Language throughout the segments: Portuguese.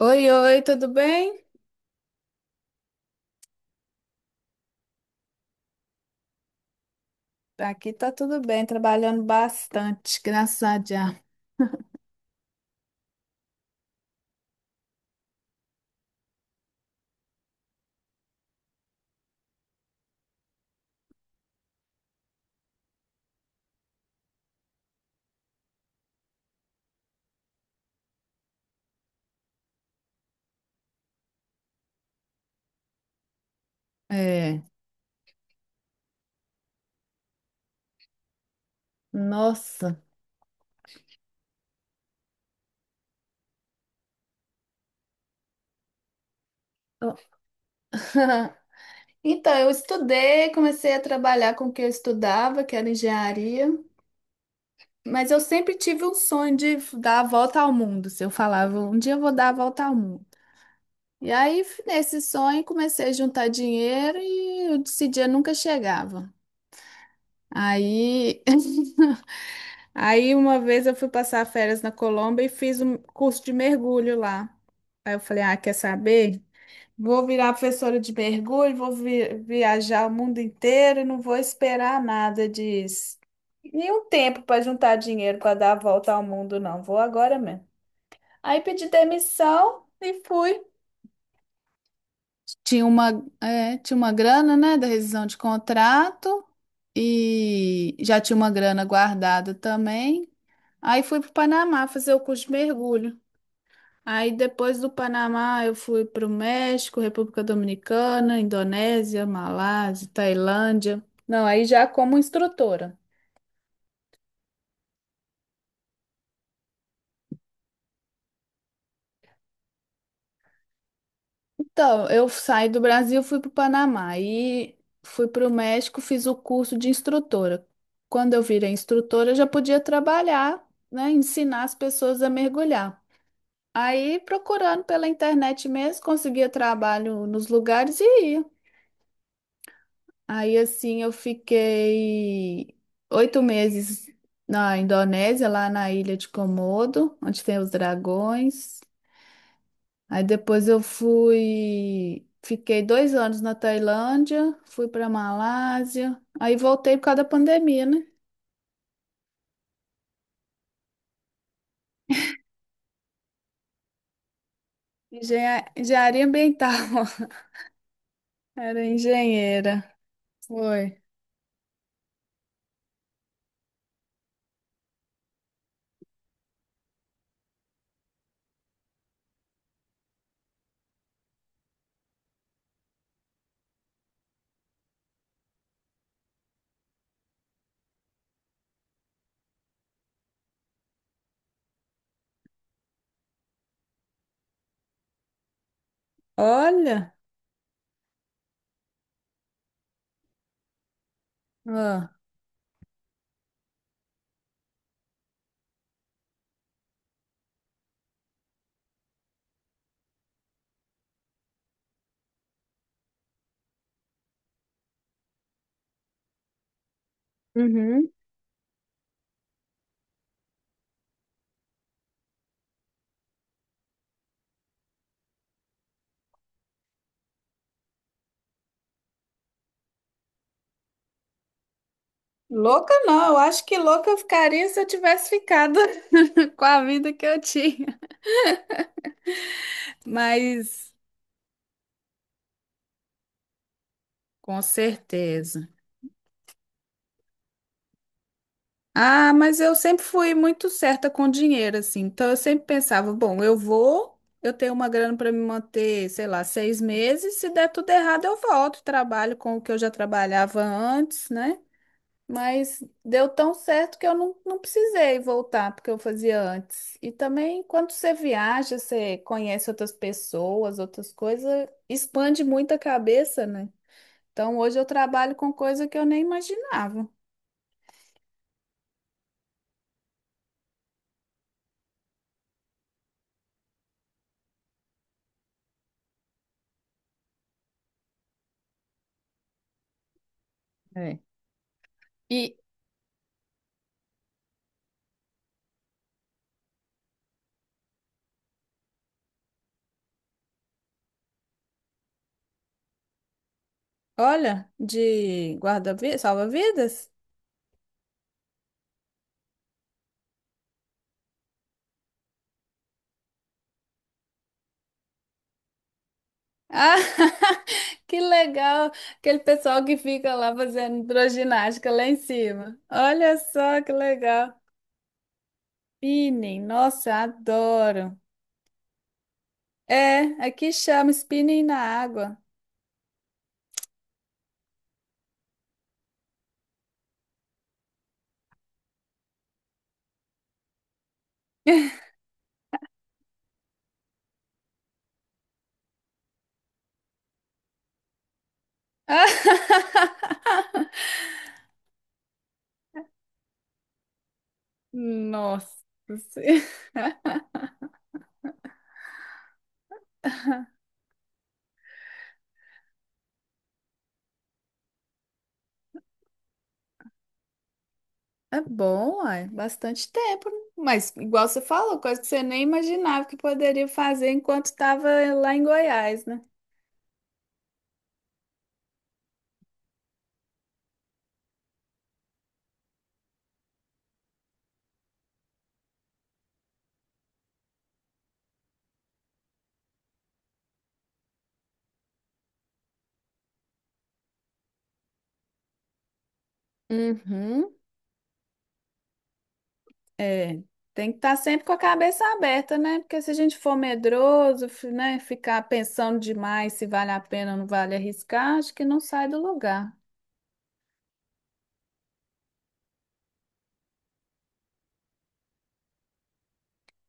Oi, oi, tudo bem? Aqui tá tudo bem, trabalhando bastante, graças a Deus. É, nossa. Eu- Então, eu estudei, comecei a trabalhar com o que eu estudava, que era engenharia, mas eu sempre tive um sonho de dar a volta ao mundo. Se eu falava, um dia eu vou dar a volta ao mundo. E aí, nesse sonho, comecei a juntar dinheiro e esse dia nunca chegava. Aí Aí uma vez eu fui passar férias na Colômbia e fiz um curso de mergulho lá. Aí eu falei, ah, quer saber? Vou virar professora de mergulho, vou viajar o mundo inteiro e não vou esperar nada disso. Nenhum tempo para juntar dinheiro para dar a volta ao mundo, não. Vou agora mesmo. Aí pedi demissão e fui. Tinha uma grana, né, da rescisão de contrato e já tinha uma grana guardada também. Aí fui para o Panamá fazer o curso de mergulho. Aí depois do Panamá eu fui para o México, República Dominicana, Indonésia, Malásia, Tailândia. Não, aí já como instrutora. Então, eu saí do Brasil, fui para o Panamá e fui para o México, fiz o curso de instrutora. Quando eu virei instrutora, eu já podia trabalhar, né, ensinar as pessoas a mergulhar. Aí, procurando pela internet mesmo, conseguia trabalho nos lugares e ia. Aí assim eu fiquei 8 meses na Indonésia, lá na ilha de Komodo, onde tem os dragões. Aí depois eu fui, fiquei 2 anos na Tailândia, fui para Malásia, aí voltei por causa da pandemia, né? Engenharia ambiental, era engenheira. Foi. Olha, ah, uhum. Louca não, eu acho que louca eu ficaria se eu tivesse ficado com a vida que eu tinha. Mas com certeza. Ah, mas eu sempre fui muito certa com dinheiro, assim. Então eu sempre pensava, bom, eu vou, eu tenho uma grana para me manter, sei lá, 6 meses. Se der tudo errado, eu volto, trabalho com o que eu já trabalhava antes, né? Mas deu tão certo que eu não precisei voltar porque eu fazia antes. E também, quando você viaja, você conhece outras pessoas, outras coisas, expande muito a cabeça, né? Então, hoje eu trabalho com coisa que eu nem imaginava. É. E olha, de guarda-vidas, salva-vidas? Ah, que legal! Aquele pessoal que fica lá fazendo hidroginástica lá em cima. Olha só que legal! Spinning, nossa, adoro! É, aqui chama spinning na água. Ah, nossa! É bom, uai, bastante tempo, né? Mas igual você falou, coisa que você nem imaginava que poderia fazer enquanto estava lá em Goiás, né? Uhum. É, tem que estar sempre com a cabeça aberta, né? Porque se a gente for medroso, né, ficar pensando demais se vale a pena ou não vale arriscar, acho que não sai do lugar.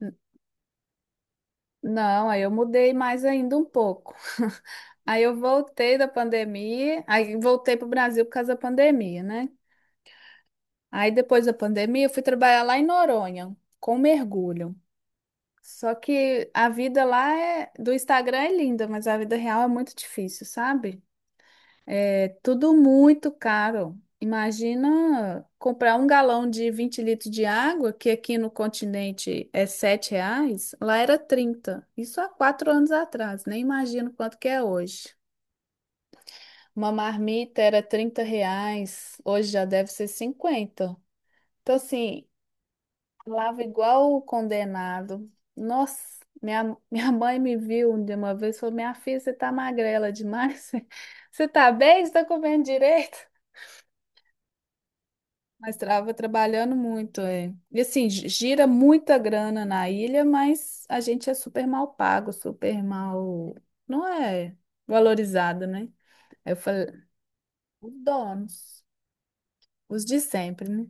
N- Não, aí eu mudei mais ainda um pouco. Aí eu voltei da pandemia, aí voltei para o Brasil por causa da pandemia, né? Aí depois da pandemia eu fui trabalhar lá em Noronha com mergulho. Só que a vida lá é- do Instagram é linda, mas a vida real é muito difícil, sabe? É tudo muito caro. Imagina comprar um galão de 20 litros de água, que aqui no continente é R$ 7, lá era 30. Isso há 4 anos atrás, nem imagino quanto que é hoje. Uma marmita era R$ 30, hoje já deve ser 50. Então, assim, falava igual o condenado. Nossa, minha mãe me viu de uma vez e falou: Minha filha, você tá magrela demais. Você tá bem? Você tá comendo direito? Mas estava trabalhando muito, é. E assim, gira muita grana na ilha, mas a gente é super mal pago, super mal. Não é valorizado, né? Aí eu falei: Os donos, os de sempre, né?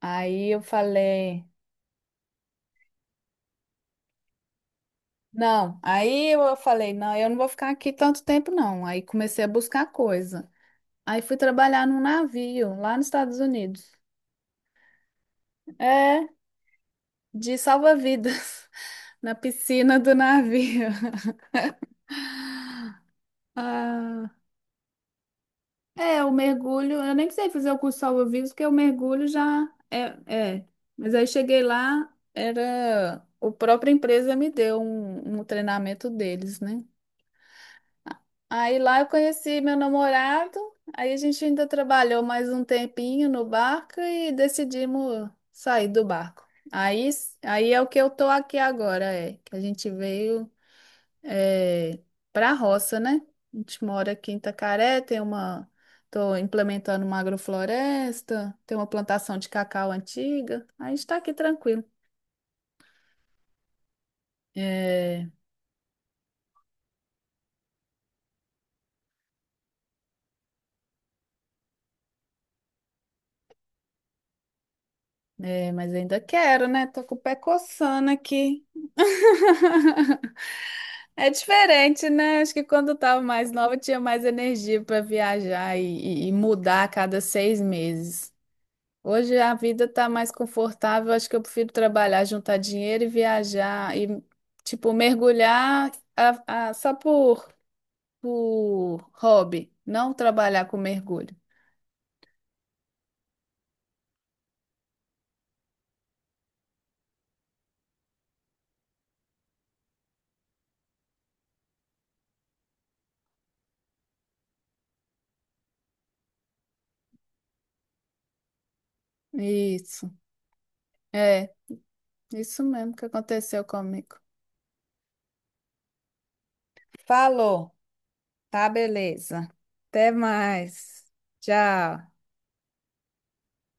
Aí eu falei. Não, aí eu falei, não, eu não vou ficar aqui tanto tempo, não. Aí comecei a buscar coisa. Aí fui trabalhar num navio lá nos Estados Unidos. É, de salva-vidas, na piscina do navio. Ah, é, o mergulho, eu nem sei fazer o curso salva-vidas, porque o mergulho já é, é. Mas aí cheguei lá, era, o própria empresa me deu um, um treinamento deles, né? Aí lá eu conheci meu namorado, aí a gente ainda trabalhou mais um tempinho no barco e decidimos sair do barco. Aí é o que eu tô aqui agora, é que a gente veio é, para a roça, né? A gente mora aqui em Itacaré, tô implementando uma agrofloresta, tem uma plantação de cacau antiga, aí a gente tá aqui tranquilo. É, é, mas ainda quero, né? Tô com o pé coçando aqui. É diferente, né? Acho que quando eu tava mais nova, eu tinha mais energia para viajar e, e mudar a cada 6 meses. Hoje a vida tá mais confortável, acho que eu prefiro trabalhar, juntar dinheiro e viajar e, tipo, mergulhar só por hobby, não trabalhar com mergulho. Isso, é, isso mesmo que aconteceu comigo. Falou, tá, beleza. Até mais. Tchau.